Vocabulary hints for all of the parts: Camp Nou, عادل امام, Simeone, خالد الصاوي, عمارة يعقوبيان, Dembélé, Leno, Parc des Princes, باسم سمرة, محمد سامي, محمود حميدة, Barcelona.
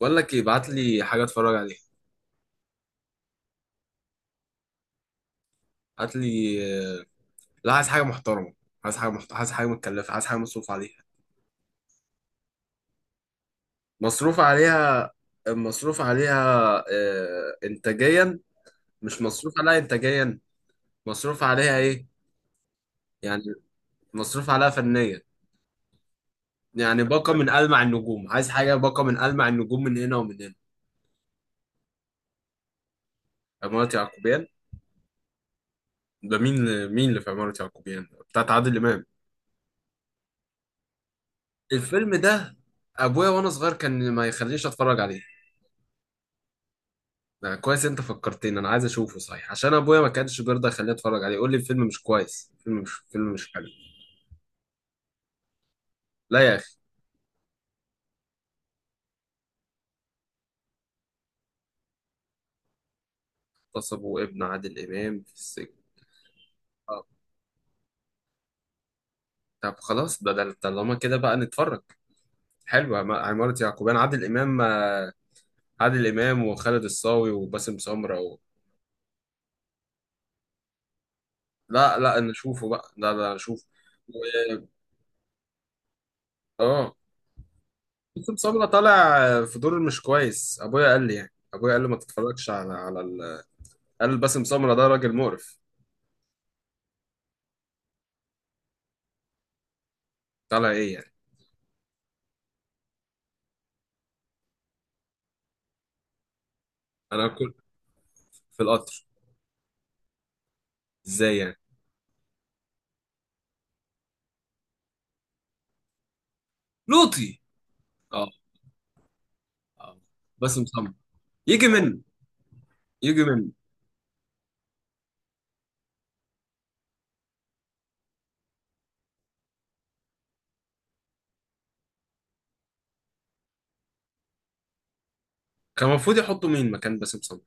بقول لك ايه، ابعت لي حاجه اتفرج عليها. هات لي. آه. لا، عايز حاجه محترمه. عايز حاجه متكلفه، عايز حاجه مصروف عليها. مصروف عليها. مصروف عليها. آه، انتاجيا. مش مصروف عليها انتاجيا. مصروف عليها ايه؟ يعني، مصروف عليها فنيا. يعني باقه من ألمع النجوم، عايز حاجه باقه من ألمع النجوم من هنا ومن هنا. عمارة يعقوبيان. ده، مين مين اللي في عمارة يعقوبيان بتاعت عادل امام؟ الفيلم ده، ابويا وانا صغير كان ما يخلينيش اتفرج عليه. ده كويس، انت فكرتني، انا عايز اشوفه صحيح عشان ابويا ما كانش بيرضى يخليني اتفرج عليه، يقول لي الفيلم مش كويس، الفيلم مش فيلم مش حلو. لا يا اخي. اغتصبوا ابن عادل امام في السجن؟ آه. طب خلاص، ده طالما كده بقى نتفرج. حلو، عمارة يعقوبيان، عادل امام، آه. عادل امام وخالد الصاوي وباسم سمرة و... لا لا، نشوفه بقى، لا لا نشوفه. و... اه. باسم سمرة طالع في دور مش كويس، ابويا قال لي، يعني ابويا قال لي ما تتفرجش على على ال... قال باسم سمرة ده راجل مقرف. طالع ايه يعني؟ انا كنت. في القطر. ازاي يعني؟ لوطي. اه. اه. باسم سمرة. يجي منه. يجي منه. كان المفروض يحطوا مين مكان باسم سمرة؟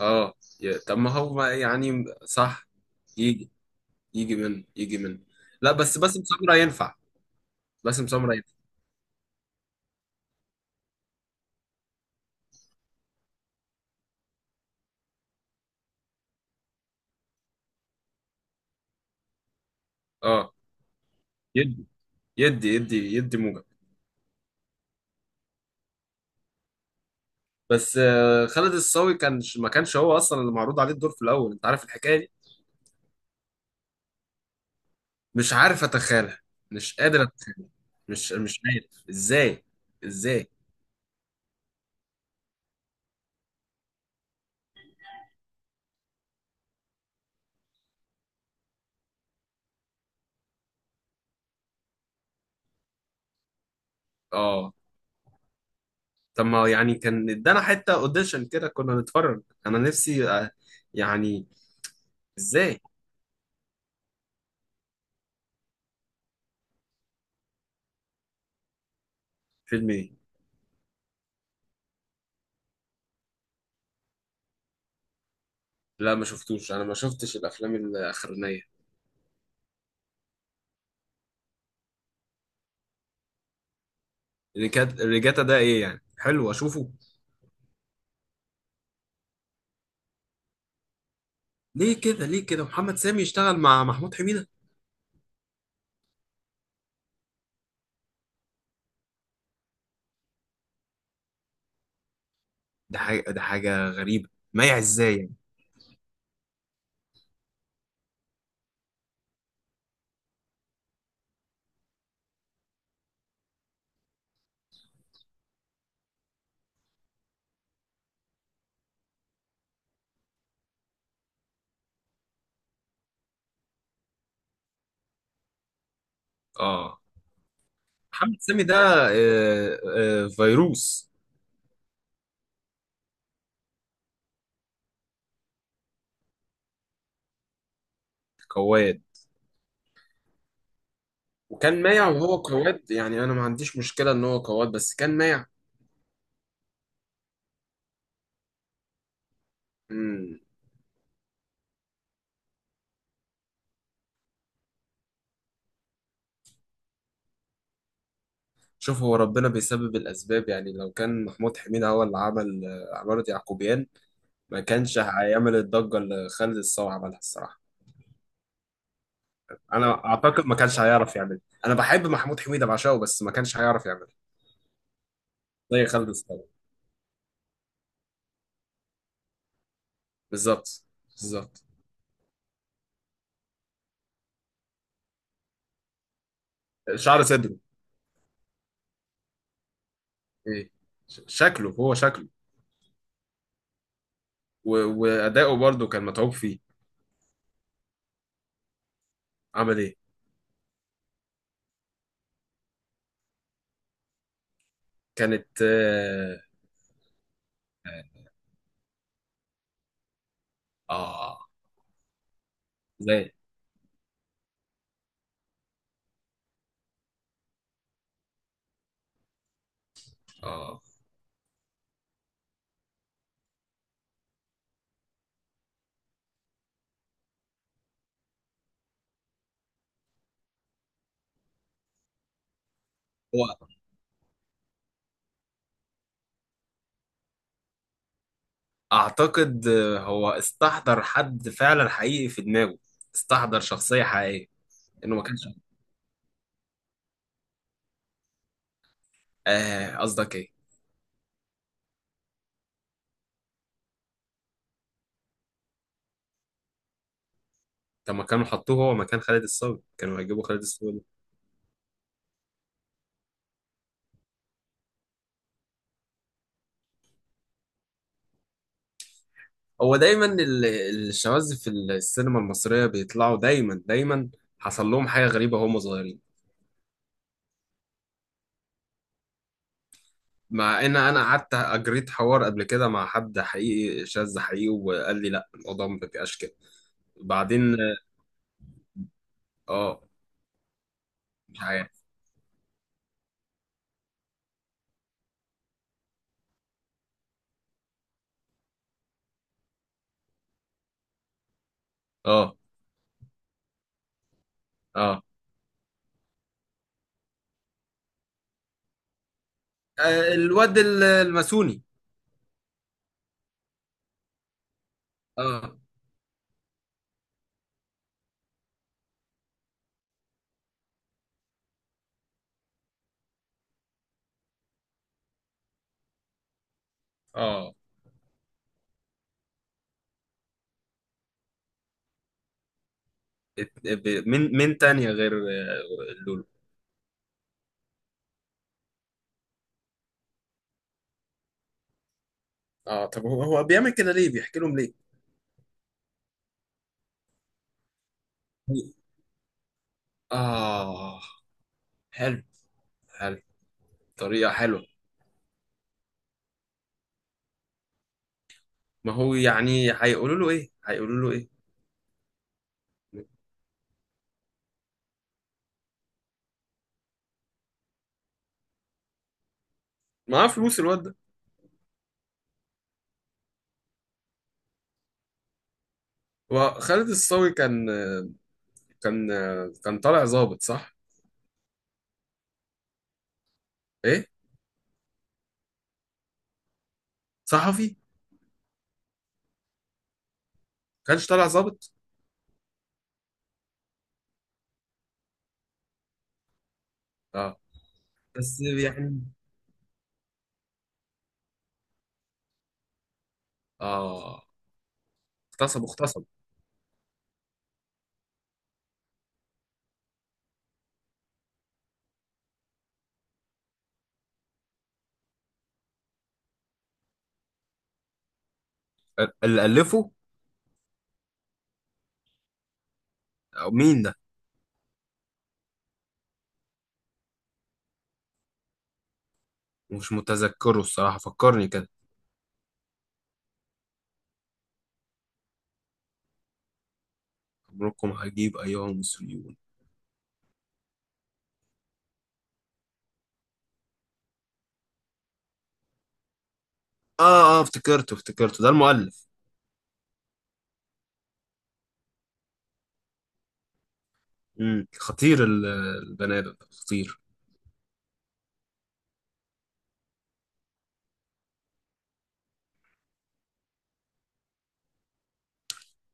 اه. طب ما هو يعني صح. يجي. يجي منه يجي منه. لا بس باسم سمرة ينفع. باسم سمرة ينفع. اه. يدي. يدي موجب. بس خالد الصاوي كان ما كانش هو اصلا اللي معروض عليه الدور في الاول، انت عارف الحكايه دي؟ مش عارف اتخيلها. مش قادر اتخيلها. مش عارف ازاي. ازاي. اه. طب ما يعني كان ادانا حتة اوديشن كده كنا نتفرج، انا نفسي آه. يعني. ازاي. فيلم ايه؟ لا ما شفتوش، انا ما شفتش الافلام الاخرانية. اللي كانت الريجاتا ده ايه يعني، حلو اشوفه؟ ليه كده؟ ليه كده محمد سامي يشتغل مع محمود حميدة؟ ده حاجة غريبة، مايع ازاي يعني؟ اه. محمد سامي ده. آه. آه. فيروس. قواد. وكان مايع، وهو قواد، يعني انا ما عنديش مشكلة ان هو قواد بس كان مايع. مم. شوف، هو ربنا بيسبب الأسباب، يعني لو كان محمود حميدة هو اللي عمل عمارة يعقوبيان، ما كانش هيعمل الضجة اللي خالد الصاوي عملها الصراحة. أنا أعتقد ما كانش هيعرف يعملها. أنا بحب محمود حميدة، بعشقه، بس ما كانش هيعرف يعملها. زي خالد الصاوي. بالظبط. بالظبط. شعر صدره. إيه؟ شكله، هو شكله. و... وأداؤه برضه كان متعوب فيه. عمل إيه؟ كانت آه. آه. آه. زي. آه. هو اعتقد هو استحضر حد فعلا حقيقي في دماغه. استحضر شخصية حقيقية. انه ما كانش. آه، قصدك ايه؟ طب ما كانوا حطوه هو مكان خالد الصاوي، كانوا هيجيبوا خالد الصاوي. هو دايما الشواذ في السينما المصرية بيطلعوا دايما دايما. حصل لهم حاجة غريبة وهم صغيرين. مع ان انا قعدت اجريت حوار قبل كده مع حد حقيقي شاذ حقيقي، وقال لي لا، الموضوع ما بيبقاش كده. بعدين. اه. مش عارف. اه. اه. آه، الواد الماسوني. اه. اه. من تانية غير لولو. اه. طب هو بيعمل كده ليه، بيحكي لهم ليه؟ آه. حلو. حلو. طريقة حلوة. ما هو يعني هيقولوا له إيه، هيقولوا له إيه؟ معاه فلوس الواد ده. وخالد الصاوي كان كان طالع ظابط صح؟ إيه؟ صحفي. كانش طالع ظابط. آه. بس يعني. آه. اغتصب اغتصب. اللي ألفه. أو مين ده؟ مش متذكره الصراحة، فكرني كده. عمركم هجيب أيها المصريون. اه. اه. افتكرته افتكرته. ده المؤلف. خطير البني ادم ده خطير.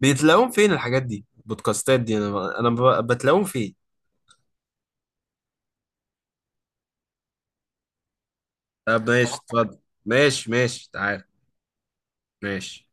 بيتلاقوهم فين الحاجات دي البودكاستات دي؟ انا بتلاقوهم فين؟ طب ماشي اتفضل. ماشي ماشي تعال. ماشي.